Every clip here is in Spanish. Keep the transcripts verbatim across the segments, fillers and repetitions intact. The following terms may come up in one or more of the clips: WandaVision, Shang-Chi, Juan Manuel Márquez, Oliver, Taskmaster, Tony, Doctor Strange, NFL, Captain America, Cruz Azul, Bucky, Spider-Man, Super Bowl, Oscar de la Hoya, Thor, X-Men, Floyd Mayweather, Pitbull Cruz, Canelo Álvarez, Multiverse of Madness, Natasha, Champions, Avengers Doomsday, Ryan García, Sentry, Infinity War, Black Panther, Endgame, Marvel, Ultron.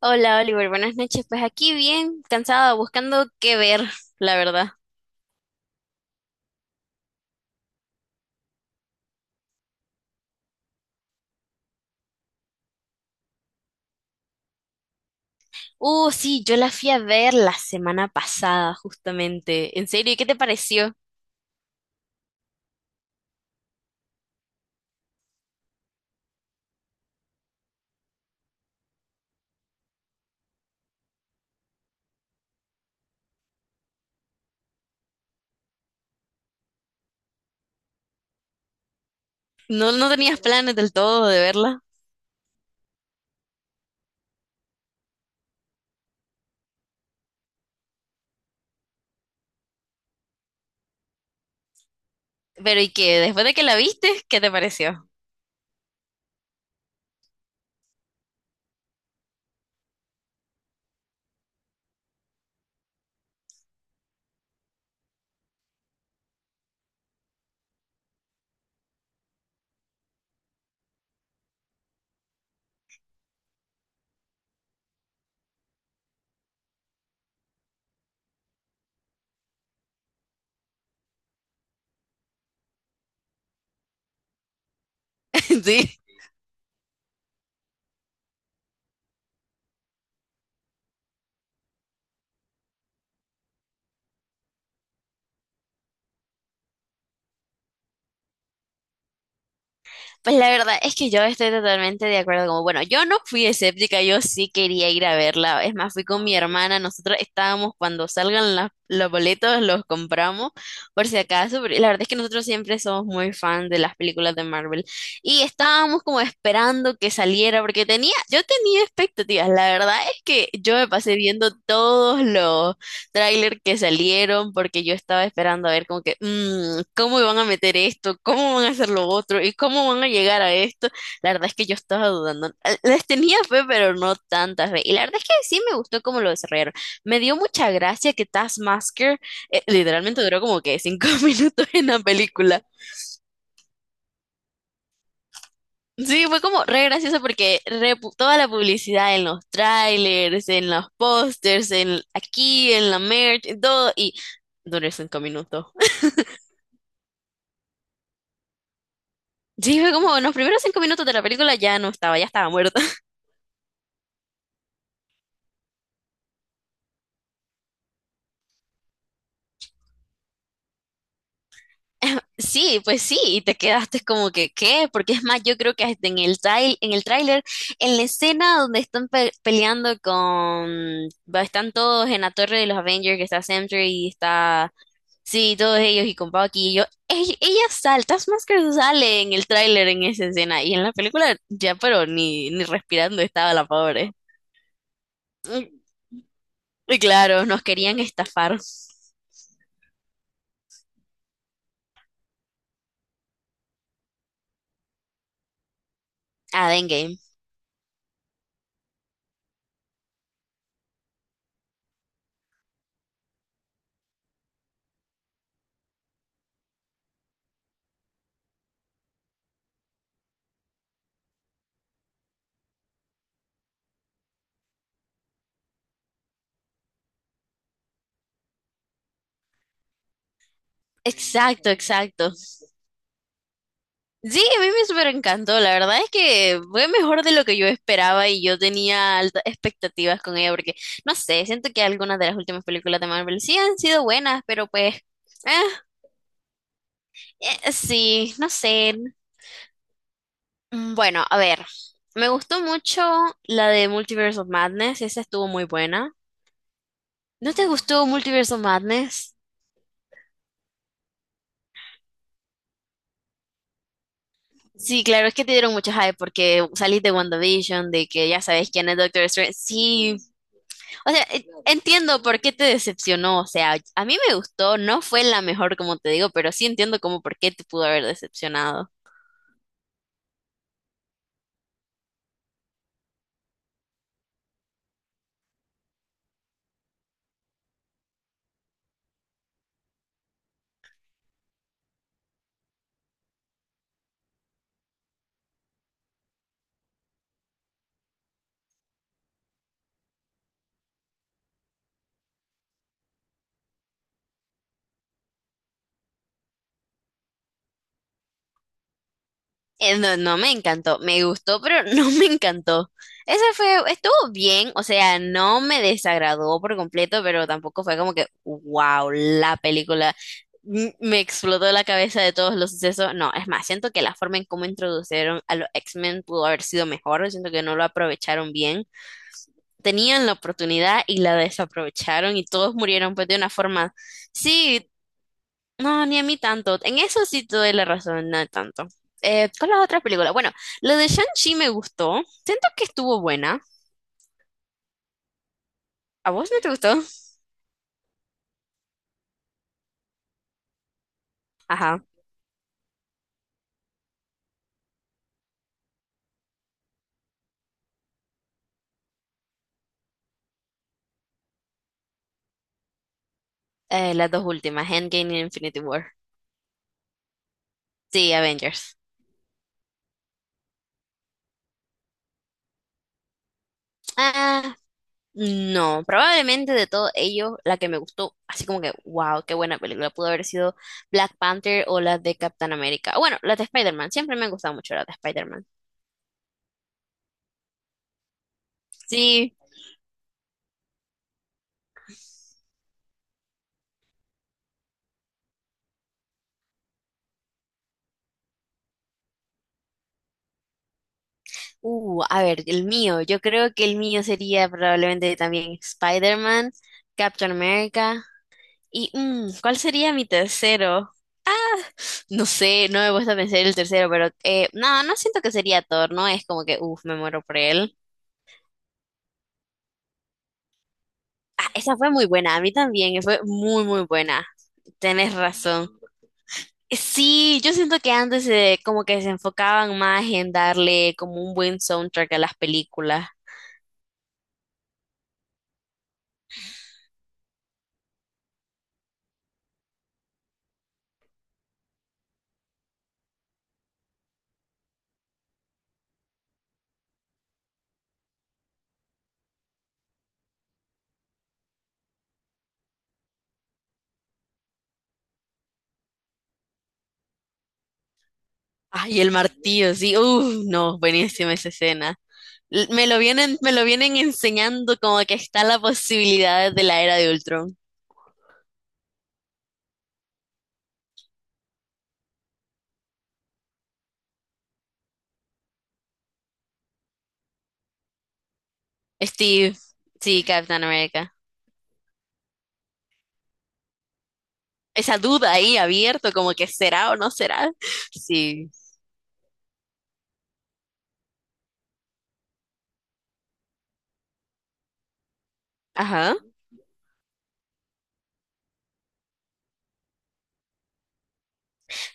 Hola Oliver, buenas noches. Pues aquí bien cansada, buscando qué ver, la verdad. Uh, sí, yo la fui a ver la semana pasada, justamente. En serio, ¿y qué te pareció? No, no tenías planes del todo de verla. Pero ¿y qué? Después de que la viste, ¿qué te pareció? Sí. Pues la verdad es que yo estoy totalmente de acuerdo. Como, bueno, yo no fui escéptica, yo sí quería ir a verla. Es más, fui con mi hermana. Nosotros estábamos cuando salgan las- los boletos, los compramos por si acaso. Pero la verdad es que nosotros siempre somos muy fan de las películas de Marvel. Y estábamos como esperando que saliera porque tenía, yo tenía expectativas. La verdad es que yo me pasé viendo todos los tráiler que salieron porque yo estaba esperando a ver como que, "Mm, ¿cómo van a meter esto? ¿Cómo van a hacer lo otro? ¿Y cómo van a llegar a esto?" La verdad es que yo estaba dudando. Eh, Les tenía fe, pero no tanta fe. Y la verdad es que sí me gustó cómo lo desarrollaron. Me dio mucha gracia que Taskmaster eh, literalmente duró como que cinco minutos en la película. Sí, fue como re gracioso porque re pu- toda la publicidad en los trailers, en los pósters, en aquí, en la merch, en todo, y duró cinco minutos. Sí, fue como en los primeros cinco minutos de la película ya no estaba, ya estaba muerta. Sí, pues sí, y te quedaste como que, ¿qué? Porque es más, yo creo que hasta en el trail, en el tráiler, en la escena donde están pe- peleando con, va- están todos en la torre de los Avengers, que está Sentry y está, sí, todos ellos y con Bucky y yo, "Ey, ella, sale". Taskmaster sale en el tráiler en esa escena y en la película ya, pero ni, ni respirando estaba la pobre. Y claro, nos querían estafar. Ah, dengue. Exacto, exacto. Sí, a mí me súper encantó. La verdad es que fue mejor de lo que yo esperaba y yo tenía altas expectativas con ella porque, no sé, siento que algunas de las últimas películas de Marvel sí han sido buenas, pero pues, eh, eh, sí, no sé. Mm, Bueno, a ver, me gustó mucho la de Multiverse of Madness, esa estuvo muy buena. ¿No te gustó Multiverse of Madness? Sí, claro, es que te dieron mucho hype porque salís de WandaVision, de que ya sabes quién es Doctor Strange. Sí. O sea, e- entiendo por qué te decepcionó. O sea, a mí me gustó, no fue la mejor, como te digo, pero sí entiendo como por qué te pudo haber decepcionado. Eh, No, no me encantó, me gustó, pero no me encantó. Esa fue, estuvo bien, o sea, no me desagradó por completo, pero tampoco fue como que, wow, la película m- me explotó la cabeza de todos los sucesos. No, es más, siento que la forma en cómo introdujeron a los X-Men pudo haber sido mejor, siento que no lo aprovecharon bien. Tenían la oportunidad y la desaprovecharon y todos murieron pues de una forma. Sí, no, ni a mí tanto. En eso sí te doy la razón, no tanto. Eh, con las otras películas, bueno, lo de Shang-Chi me gustó. Siento que estuvo buena. ¿A vos no te gustó? Ajá. Eh, las dos últimas, Endgame y Infinity War. Sí, Avengers. Ah, no, probablemente de todo ello, la que me gustó, así como que, wow, qué buena película, pudo haber sido Black Panther o la de Captain America. Bueno, la de Spider-Man, siempre me han gustado mucho la de Spider-Man. Sí, uh, a ver, el mío, yo creo que el mío sería probablemente también Spider-Man, Captain America y mm, ¿cuál sería mi tercero? No sé, no me gusta pensar el tercero, pero eh, no, no siento que sería Thor, no es como que, uff, me muero por él. Ah, esa fue muy buena, a mí también, fue muy, muy buena, tenés razón. Eh, Sí, yo siento que antes eh, como que se enfocaban más en darle como un buen soundtrack a las películas. Ay, el martillo, sí. Uff, no, buenísima esa escena. L- Me lo vienen, me lo vienen enseñando como que está la posibilidad de la era de Ultron. Steve, sí, Capitán América. Esa duda ahí abierto, como que será o no será. Sí. Ajá.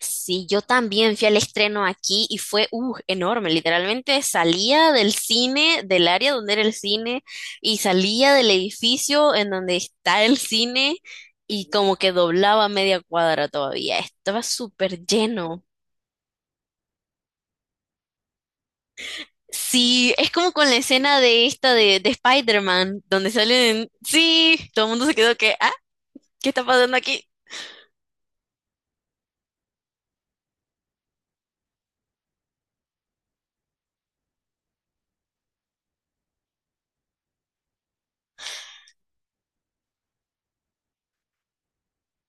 Sí, yo también fui al estreno aquí y fue uh, enorme. Literalmente salía del cine, del área donde era el cine, y salía del edificio en donde está el cine, y como que doblaba media cuadra todavía. Estaba súper lleno. Sí, es como con la escena de esta de, de Spider-Man, donde salen, sí, todo el mundo se quedó que, ah, ¿qué está pasando aquí?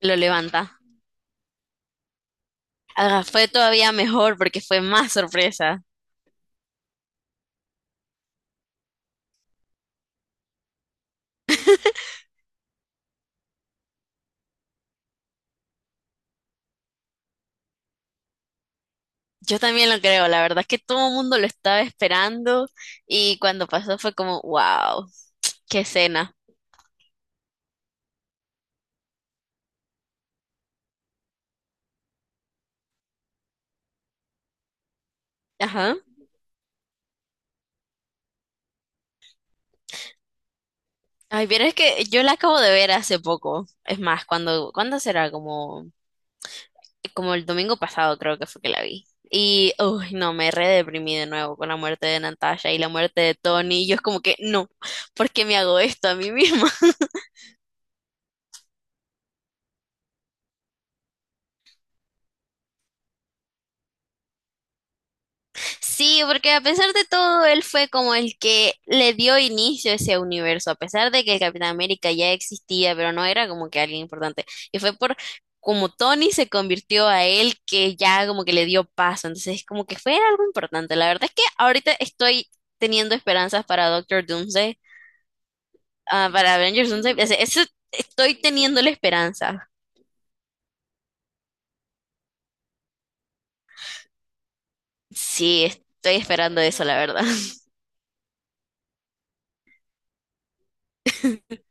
Lo levanta. Ah, fue todavía mejor porque fue más sorpresa. Yo también lo creo, la verdad es que todo el mundo lo estaba esperando y cuando pasó fue como, wow, qué escena. Ajá. Ay, pero es que yo la acabo de ver hace poco. Es más, cuando, ¿cuándo será? Como como el domingo pasado creo que fue que la vi. Y, uy, no, me re deprimí de nuevo con la muerte de Natasha y la muerte de Tony. Y yo es como que, no, ¿por qué me hago esto a mí misma? Sí, porque a pesar de todo, él fue como el que le dio inicio a ese universo, a pesar de que el Capitán América ya existía, pero no era como que alguien importante. Y fue por como Tony se convirtió a él que ya como que le dio paso. Entonces, como que fue algo importante. La verdad es que ahorita estoy teniendo esperanzas para Doctor Doomsday. Ah, para Avengers Doomsday, ese- ese- estoy teniendo la esperanza. Sí, estoy esperando eso, la verdad.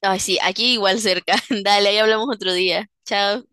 Ay, sí, aquí igual cerca. Dale, ahí hablamos otro día. Chao.